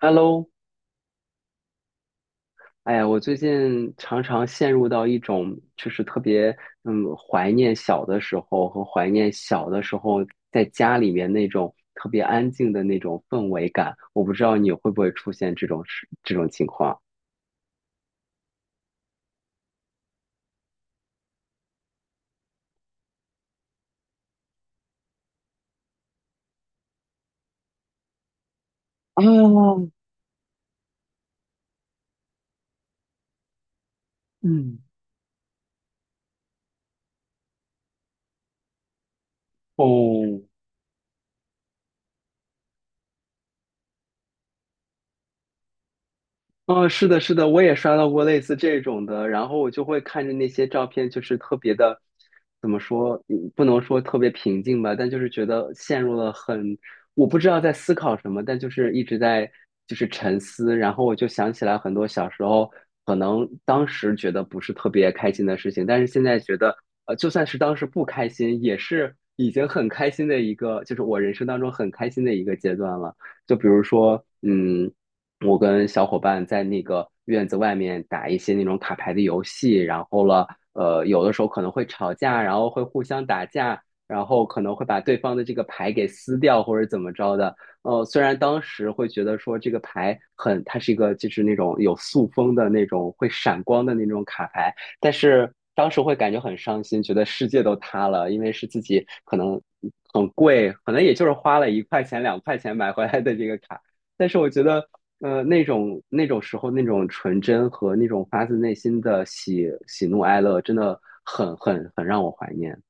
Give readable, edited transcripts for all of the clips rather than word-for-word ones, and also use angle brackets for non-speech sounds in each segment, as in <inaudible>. Hello,哎呀，我最近常常陷入到一种就是特别怀念小的时候和怀念小的时候在家里面那种特别安静的那种氛围感。我不知道你会不会出现这种情况。啊，嗯，哦，哦，是的，是的，我也刷到过类似这种的，然后我就会看着那些照片，就是特别的，怎么说，不能说特别平静吧，但就是觉得陷入了很，我不知道在思考什么，但就是一直在沉思，然后我就想起来很多小时候，可能当时觉得不是特别开心的事情，但是现在觉得，就算是当时不开心，也是已经很开心的一个，就是我人生当中很开心的一个阶段了。就比如说，嗯。我跟小伙伴在那个院子外面打一些那种卡牌的游戏，然后了，有的时候可能会吵架，然后会互相打架，然后可能会把对方的这个牌给撕掉或者怎么着的。虽然当时会觉得说这个牌很，它是一个就是那种有塑封的那种会闪光的那种卡牌，但是当时会感觉很伤心，觉得世界都塌了，因为是自己可能很贵，可能也就是花了一块钱两块钱买回来的这个卡。但是我觉得那种时候那种纯真和那种发自内心的喜喜怒哀乐，真的很让我怀念。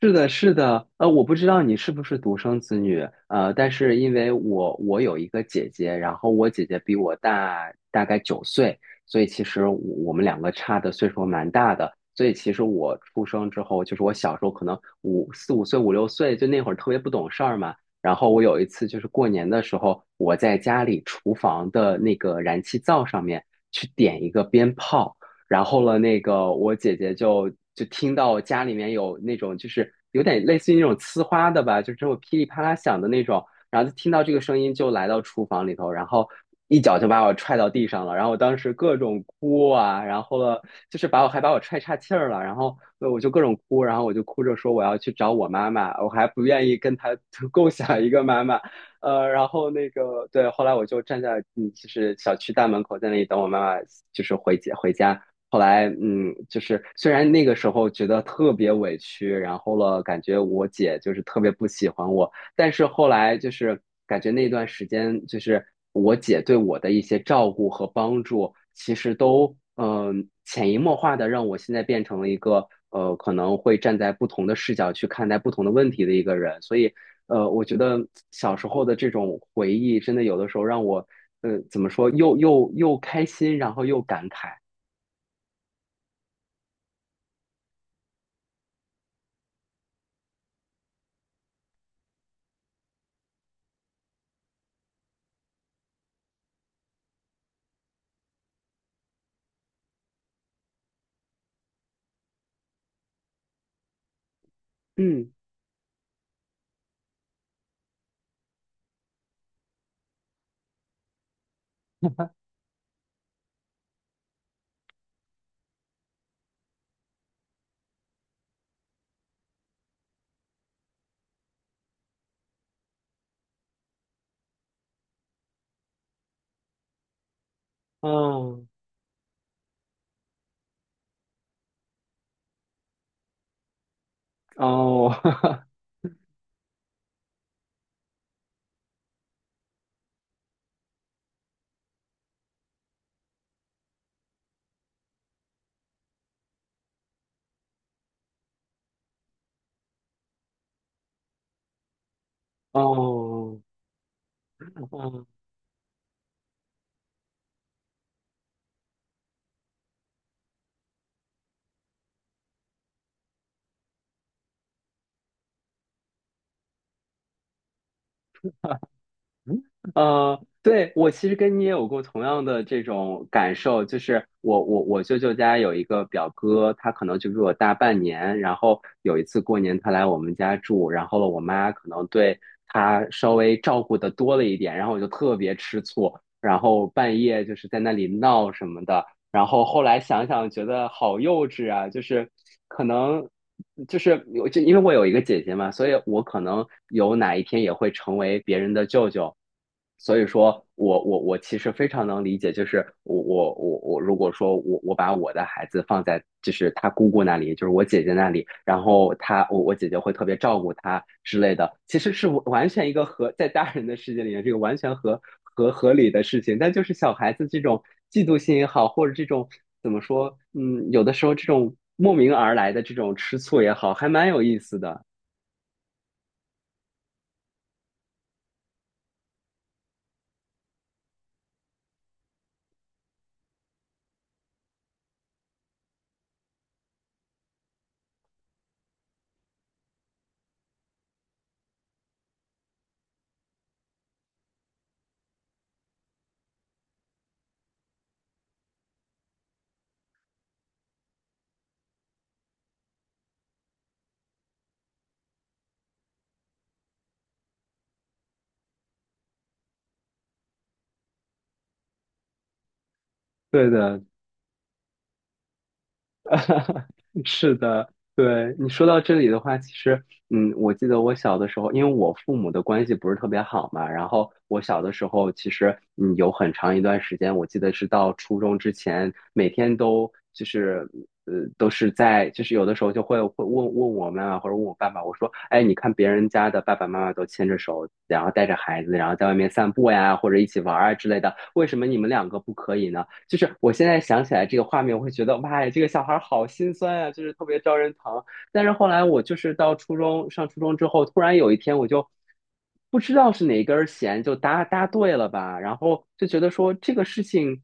是的，是的，我不知道你是不是独生子女，但是因为我有一个姐姐，然后我姐姐比我大大概9岁，所以其实我我们两个差的岁数蛮大的，所以其实我出生之后，就是我小时候可能五六岁，就那会儿特别不懂事儿嘛，然后我有一次就是过年的时候，我在家里厨房的那个燃气灶上面去点一个鞭炮。然后了，那个我姐姐就听到家里面有那种就是有点类似于那种呲花的吧，就是这种噼里啪啦响的那种，然后就听到这个声音就来到厨房里头，然后一脚就把我踹到地上了，然后我当时各种哭啊，然后了就是把我踹岔气儿了，然后我就各种哭，然后我就哭着说我要去找我妈妈，我还不愿意跟她 <laughs> 共享一个妈妈，然后那个对，后来我就站在就是小区大门口在那里等我妈妈，就是回家。后来，嗯，就是虽然那个时候觉得特别委屈，然后了，感觉我姐就是特别不喜欢我，但是后来就是感觉那段时间，就是我姐对我的一些照顾和帮助，其实都潜移默化的让我现在变成了一个可能会站在不同的视角去看待不同的问题的一个人，所以我觉得小时候的这种回忆，真的有的时候让我怎么说，又开心，然后又感慨，嗯。哦哦 <laughs> 哦，哦，嗯对，我其实跟你也有过同样的这种感受，就是我舅舅家有一个表哥，他可能就比我大半年，然后有一次过年他来我们家住，然后我妈可能对他稍微照顾的多了一点，然后我就特别吃醋，然后半夜就是在那里闹什么的，然后后来想想，觉得好幼稚啊！就是可能，就是有，就因为我有一个姐姐嘛，所以我可能有哪一天也会成为别人的舅舅。所以说我其实非常能理解，就是我如果说我把我的孩子放在就是他姑姑那里，就是我姐姐那里，然后我姐姐会特别照顾他之类的，其实是完全一个在大人的世界里面，这个完全合理的事情，但就是小孩子这种嫉妒心也好，或者这种怎么说，嗯，有的时候这种莫名而来的这种吃醋也好，还蛮有意思的。对的，是的，对你说到这里的话，其实，嗯，我记得我小的时候，因为我父母的关系不是特别好嘛，然后我小的时候，其实，嗯，有很长一段时间，我记得是到初中之前，每天都就是，都是在，就是有的时候就会问问我妈妈或者问我爸爸，我说，哎，你看别人家的爸爸妈妈都牵着手，然后带着孩子，然后在外面散步呀，或者一起玩儿啊之类的，为什么你们两个不可以呢？就是我现在想起来这个画面，我会觉得哇，这个小孩好心酸啊，就是特别招人疼。但是后来我就是到初中上初中之后，突然有一天我就不知道是哪根弦就搭对了吧，然后就觉得说这个事情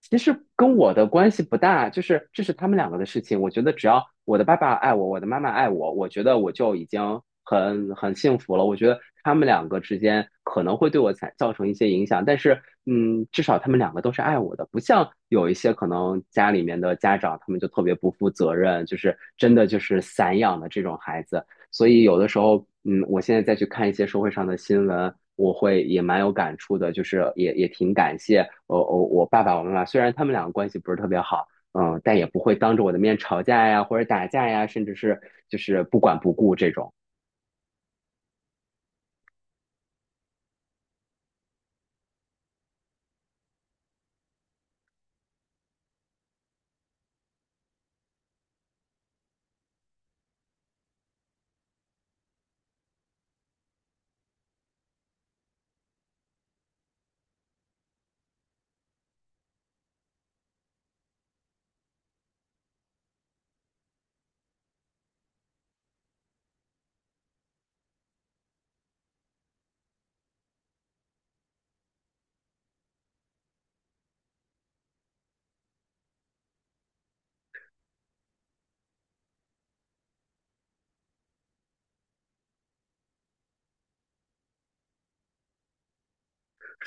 其实跟我的关系不大，就是这是他们两个的事情。我觉得只要我的爸爸爱我，我的妈妈爱我，我觉得我就已经很幸福了。我觉得他们两个之间可能会对我产造成一些影响，但是嗯，至少他们两个都是爱我的，不像有一些可能家里面的家长，他们就特别不负责任，就是真的就是散养的这种孩子。所以有的时候，嗯，我现在再去看一些社会上的新闻，我会也蛮有感触的，就是也挺感谢我爸爸我妈妈，虽然他们两个关系不是特别好。嗯，但也不会当着我的面吵架呀，或者打架呀，甚至是就是不管不顾这种。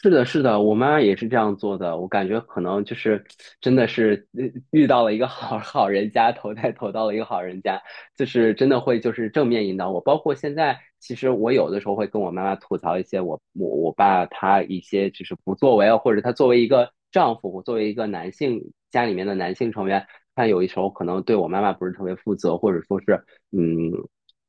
是的，是的，我妈也是这样做的。我感觉可能就是真的是遇到了一个 <laughs> 好人家，投到了一个好人家，就是真的会就是正面引导我。包括现在，其实我有的时候会跟我妈妈吐槽一些我爸他一些就是不作为啊，或者他作为一个丈夫，我作为一个男性家里面的男性成员，他有一时候可能对我妈妈不是特别负责，或者说是嗯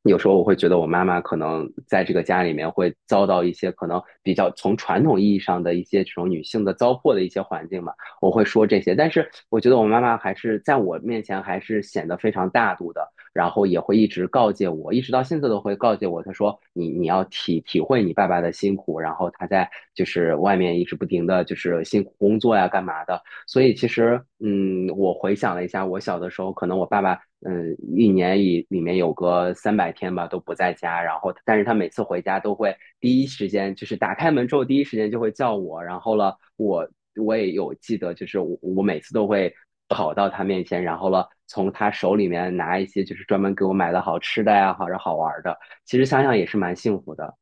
有时候我会觉得我妈妈可能在这个家里面会遭到一些可能比较从传统意义上的一些这种女性的糟粕的一些环境嘛，我会说这些。但是我觉得我妈妈还是在我面前还是显得非常大度的，然后也会一直告诫我，一直到现在都会告诫我，她说你要体会你爸爸的辛苦，然后他在就是外面一直不停的就是辛苦工作呀干嘛的。所以其实嗯，我回想了一下，我小的时候可能我爸爸嗯，一年里面有个300天吧，都不在家。然后，但是他每次回家都会第一时间，就是打开门之后第一时间就会叫我。然后了，我也有记得，就是我每次都会跑到他面前，然后了从他手里面拿一些就是专门给我买的好吃的呀，或者好玩的。其实想想也是蛮幸福的。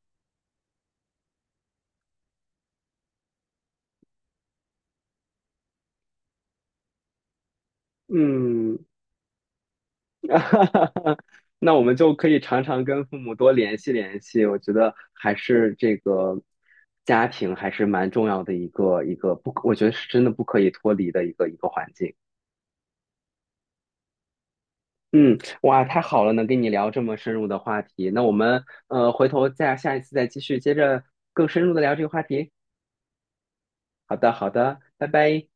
嗯，<laughs> 那我们就可以常常跟父母多联系联系，我觉得还是这个家庭还是蛮重要的一个不可，我觉得是真的不可以脱离的一个环境。嗯，哇，太好了，能跟你聊这么深入的话题。那我们回头下一次再继续接着更深入的聊这个话题。好的，好的，拜拜。